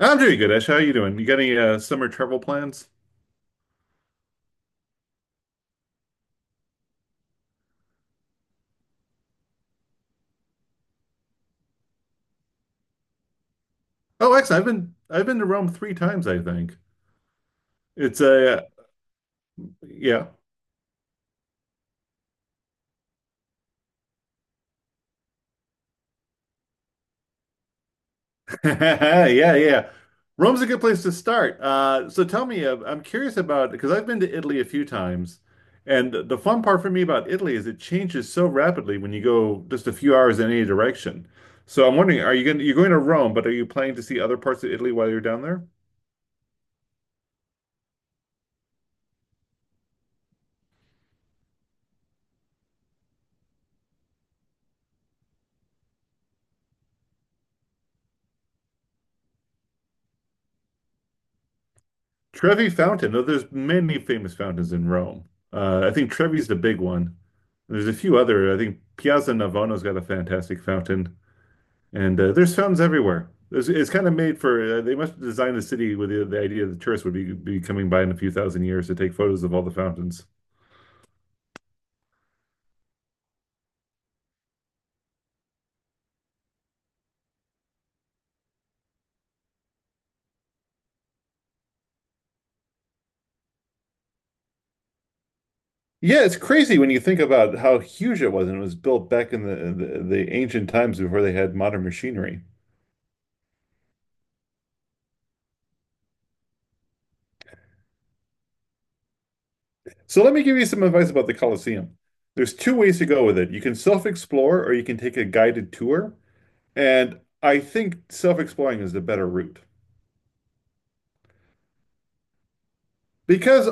I'm doing good, Ash. How are you doing? You got any summer travel plans? Oh, actually, I've been to Rome three times, I think. It's a yeah, yeah, yeah. Rome's a good place to start. So tell me, I'm curious about because I've been to Italy a few times, and the fun part for me about Italy is it changes so rapidly when you go just a few hours in any direction. So I'm wondering, are you going you're going to Rome, but are you planning to see other parts of Italy while you're down there? Trevi Fountain, though there's many famous fountains in Rome. I think Trevi's the big one. There's a few other. I think Piazza Navona's got a fantastic fountain, and there's fountains everywhere. It's kind of made for. They must have designed the city with the idea that tourists would be coming by in a few thousand years to take photos of all the fountains. Yeah, it's crazy when you think about how huge it was, and it was built back in the ancient times before they had modern machinery. So let me give you some advice about the Colosseum. There's two ways to go with it. You can self-explore or you can take a guided tour. And I think self-exploring is the better route because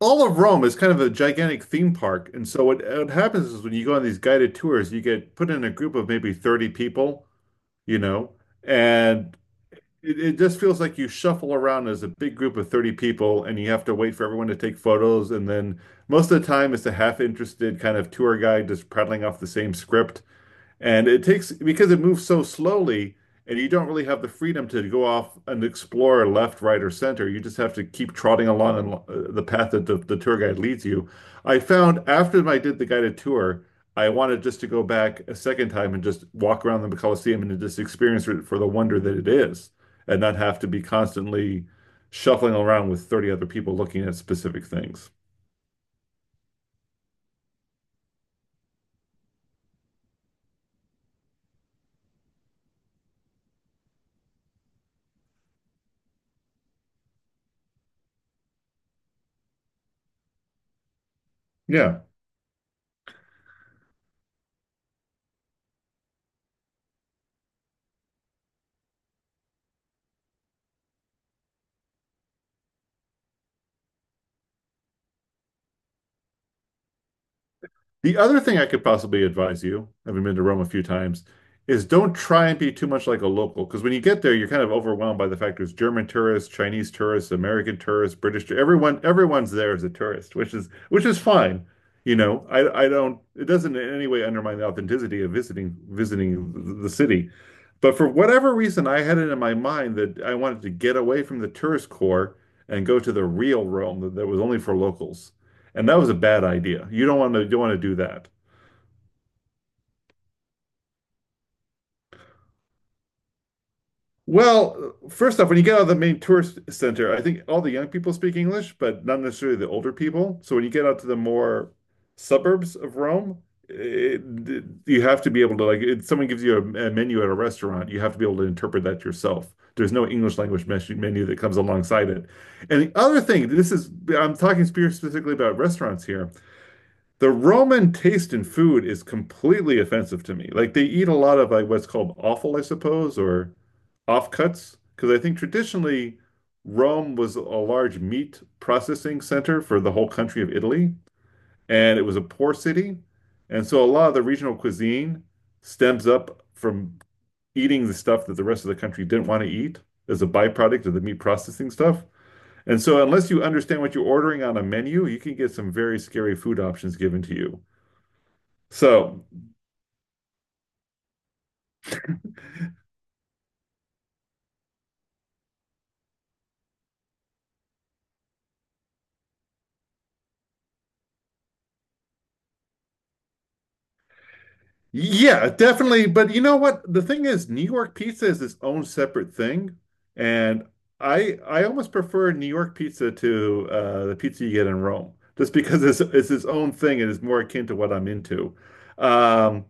all of Rome is kind of a gigantic theme park. And so what happens is when you go on these guided tours, you get put in a group of maybe 30 people, you know, and it just feels like you shuffle around as a big group of 30 people and you have to wait for everyone to take photos. And then most of the time, it's a half interested kind of tour guide just prattling off the same script. And it takes because it moves so slowly, and you don't really have the freedom to go off and explore left, right, or center. You just have to keep trotting along in, the path that the tour guide leads you. I found after I did the guided tour, I wanted just to go back a second time and just walk around the Colosseum and just experience it for the wonder that it is, and not have to be constantly shuffling around with 30 other people looking at specific things. Yeah. The other thing I could possibly advise you, having been to Rome a few times, is don't try and be too much like a local. Because when you get there, you're kind of overwhelmed by the fact there's German tourists, Chinese tourists, American tourists, British tourists. Everyone's there as a tourist, which is fine. You know, I don't. It doesn't in any way undermine the authenticity of visiting the city. But for whatever reason, I had it in my mind that I wanted to get away from the tourist core and go to the real Rome that was only for locals. And that was a bad idea. You don't want to do that. Well, first off, when you get out of the main tourist center, I think all the young people speak English, but not necessarily the older people. So when you get out to the more suburbs of Rome, it, you have to be able to like if someone gives you a menu at a restaurant, you have to be able to interpret that yourself. There's no English language menu that comes alongside it. And the other thing, this is I'm talking specifically about restaurants here. The Roman taste in food is completely offensive to me. Like they eat a lot of like what's called offal, I suppose, or offcuts, because I think traditionally Rome was a large meat processing center for the whole country of Italy, and it was a poor city. And so a lot of the regional cuisine stems up from eating the stuff that the rest of the country didn't want to eat as a byproduct of the meat processing stuff. And so unless you understand what you're ordering on a menu, you can get some very scary food options given to you. So, yeah, definitely. But you know what? The thing is, New York pizza is its own separate thing, and I almost prefer New York pizza to the pizza you get in Rome, just because it's its own thing and it's more akin to what I'm into. Um,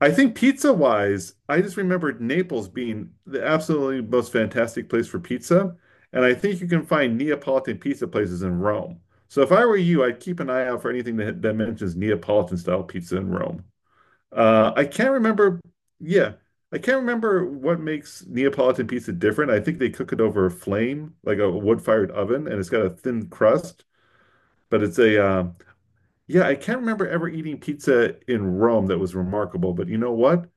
I think pizza wise, I just remembered Naples being the absolutely most fantastic place for pizza, and I think you can find Neapolitan pizza places in Rome. So if I were you, I'd keep an eye out for anything that mentions Neapolitan style pizza in Rome. I can't remember. Yeah, I can't remember what makes Neapolitan pizza different. I think they cook it over a flame, like a wood-fired oven, and it's got a thin crust. But it's a yeah. I can't remember ever eating pizza in Rome that was remarkable. But you know what?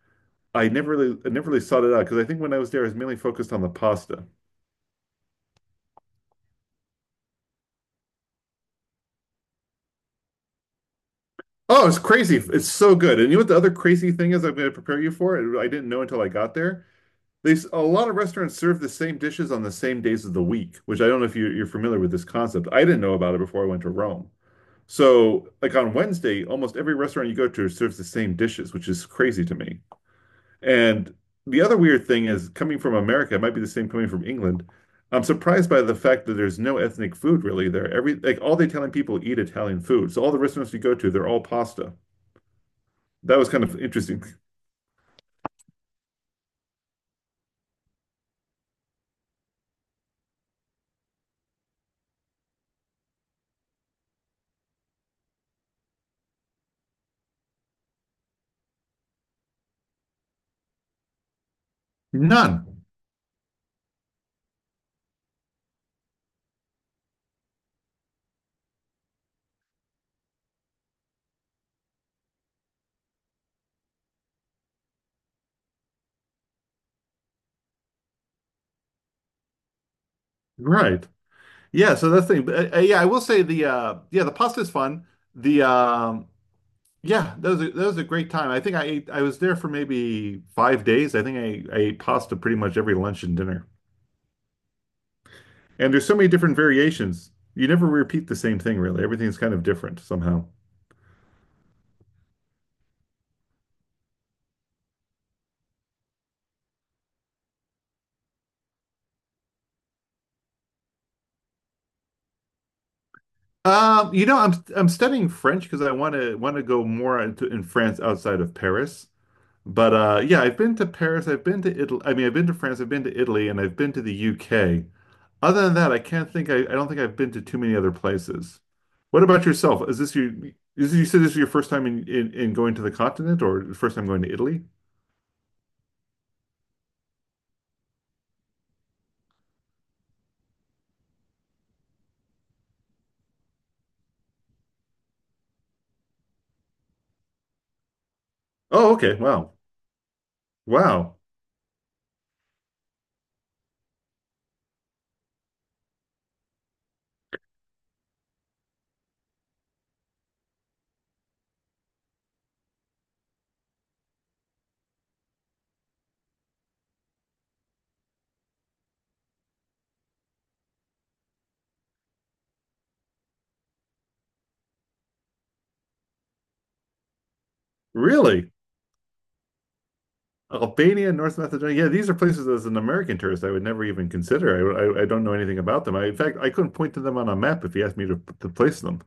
I never really sought it out because I think when I was there, I was mainly focused on the pasta. Oh, it's crazy! It's so good. And you know what the other crazy thing is? I'm going to prepare you for it. I didn't know until I got there. They a lot of restaurants serve the same dishes on the same days of the week, which I don't know if you're familiar with this concept. I didn't know about it before I went to Rome. So, like on Wednesday, almost every restaurant you go to serves the same dishes, which is crazy to me. And the other weird thing is coming from America, it might be the same coming from England. I'm surprised by the fact that there's no ethnic food really there. Every like all the Italian people eat Italian food. So all the restaurants you go to, they're all pasta. That was kind of interesting. None. Right. Yeah, so that's the thing. But, yeah, I will say the yeah, the pasta is fun. The yeah, that was a great time. I think I was there for maybe 5 days. I think I ate pasta pretty much every lunch and dinner. And there's so many different variations. You never repeat the same thing really. Everything's kind of different somehow. You know, I'm studying French because I want to go more into, in France outside of Paris. But yeah, I've been to Paris, I've been to Italy. I mean, I've been to France, I've been to Italy, and I've been to the UK. Other than that, I don't think I've been to too many other places. What about yourself? Is this you is you said this is your first time in going to the continent or the first time going to Italy? Oh, okay. Wow. Wow. Really? Albania, North Macedonia. Yeah, these are places as an American tourist I would never even consider. I don't know anything about them. I, in fact, I couldn't point to them on a map if you asked me to place them.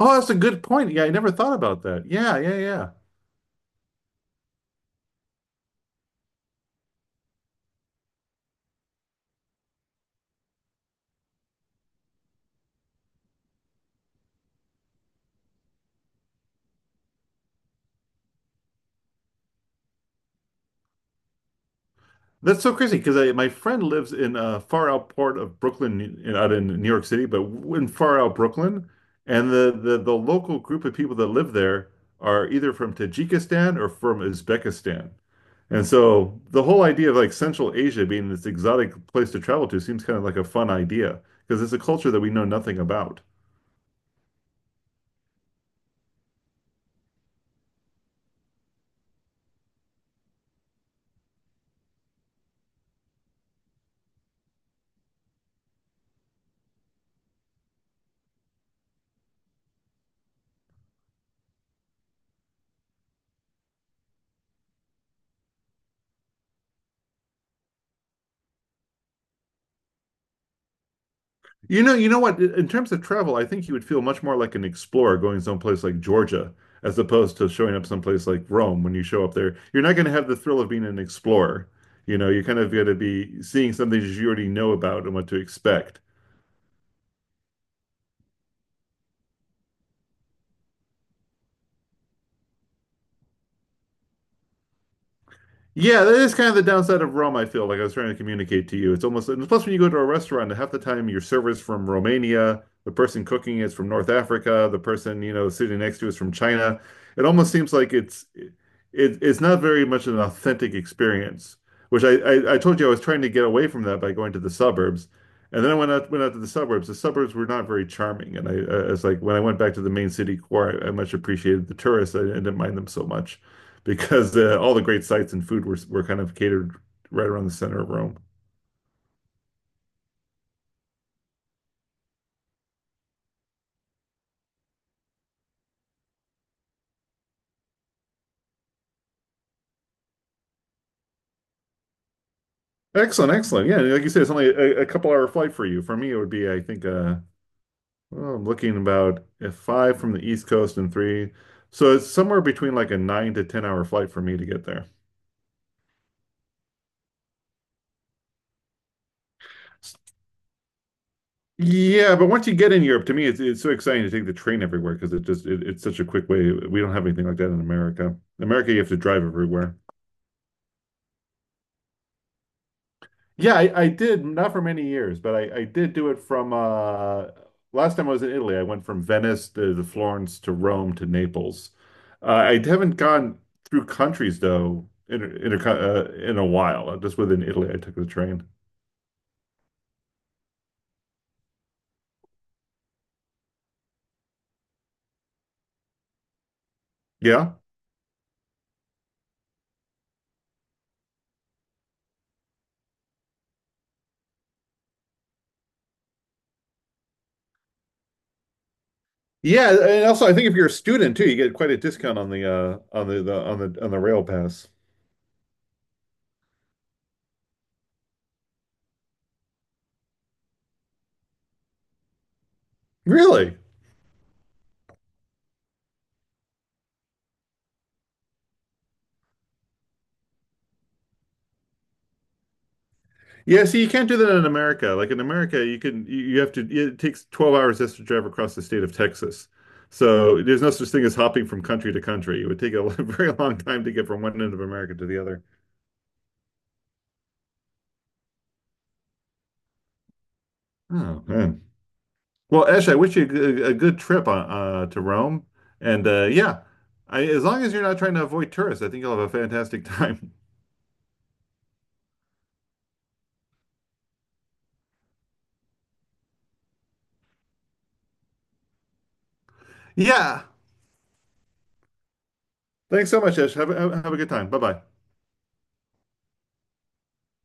Oh, that's a good point. Yeah, I never thought about that. Yeah, yeah, yeah. That's so crazy because my friend lives in a far out part of Brooklyn, out in New York City, but in far out Brooklyn, and the local group of people that live there are either from Tajikistan or from Uzbekistan, and so the whole idea of like Central Asia being this exotic place to travel to seems kind of like a fun idea because it's a culture that we know nothing about. You know what? In terms of travel, I think you would feel much more like an explorer going someplace like Georgia as opposed to showing up someplace like Rome. When you show up there, you're not going to have the thrill of being an explorer. You know, you kind of got to be seeing something that you already know about and what to expect. Yeah, that is kind of the downside of Rome, I feel like I was trying to communicate to you. It's almost, and plus when you go to a restaurant, half the time your server's from Romania, the person cooking is from North Africa, the person, you know, sitting next to is from China. It almost seems like it's not very much an authentic experience, which I told you I was trying to get away from that by going to the suburbs. And then I went out to the suburbs. The suburbs were not very charming. And I was like, when I went back to the main city core, I much appreciated the tourists. I didn't mind them so much because all the great sites and food were kind of catered right around the center of Rome. Excellent, excellent. Yeah, like you said, it's only a couple hour flight for you. For me, it would be, I think, well, I'm looking about five from the East Coast and three. So it's somewhere between like a nine to 10 hour flight for me to get there. Yeah, but once you get in Europe, to me, it's so exciting to take the train everywhere because it just it's such a quick way. We don't have anything like that in America. In America, you have to drive everywhere. Yeah, I did not for many years, but I did do it from last time I was in Italy. I went from Venice to Florence to Rome to Naples. I haven't gone through countries though in a while. Just within Italy, I took the train. Yeah. Yeah, and also I think if you're a student too, you get quite a discount on the on the rail pass. Really? Yeah, see, you can't do that in America. Like in America, you can you you have to it takes 12 hours just to drive across the state of Texas. So there's no such thing as hopping from country to country. It would take a very long time to get from one end of America to the other. Oh man. Well, Ash, I wish you a good trip to Rome. And yeah, as long as you're not trying to avoid tourists, I think you'll have a fantastic time. Yeah. Thanks so much, Ash. Have have a good time. Bye bye.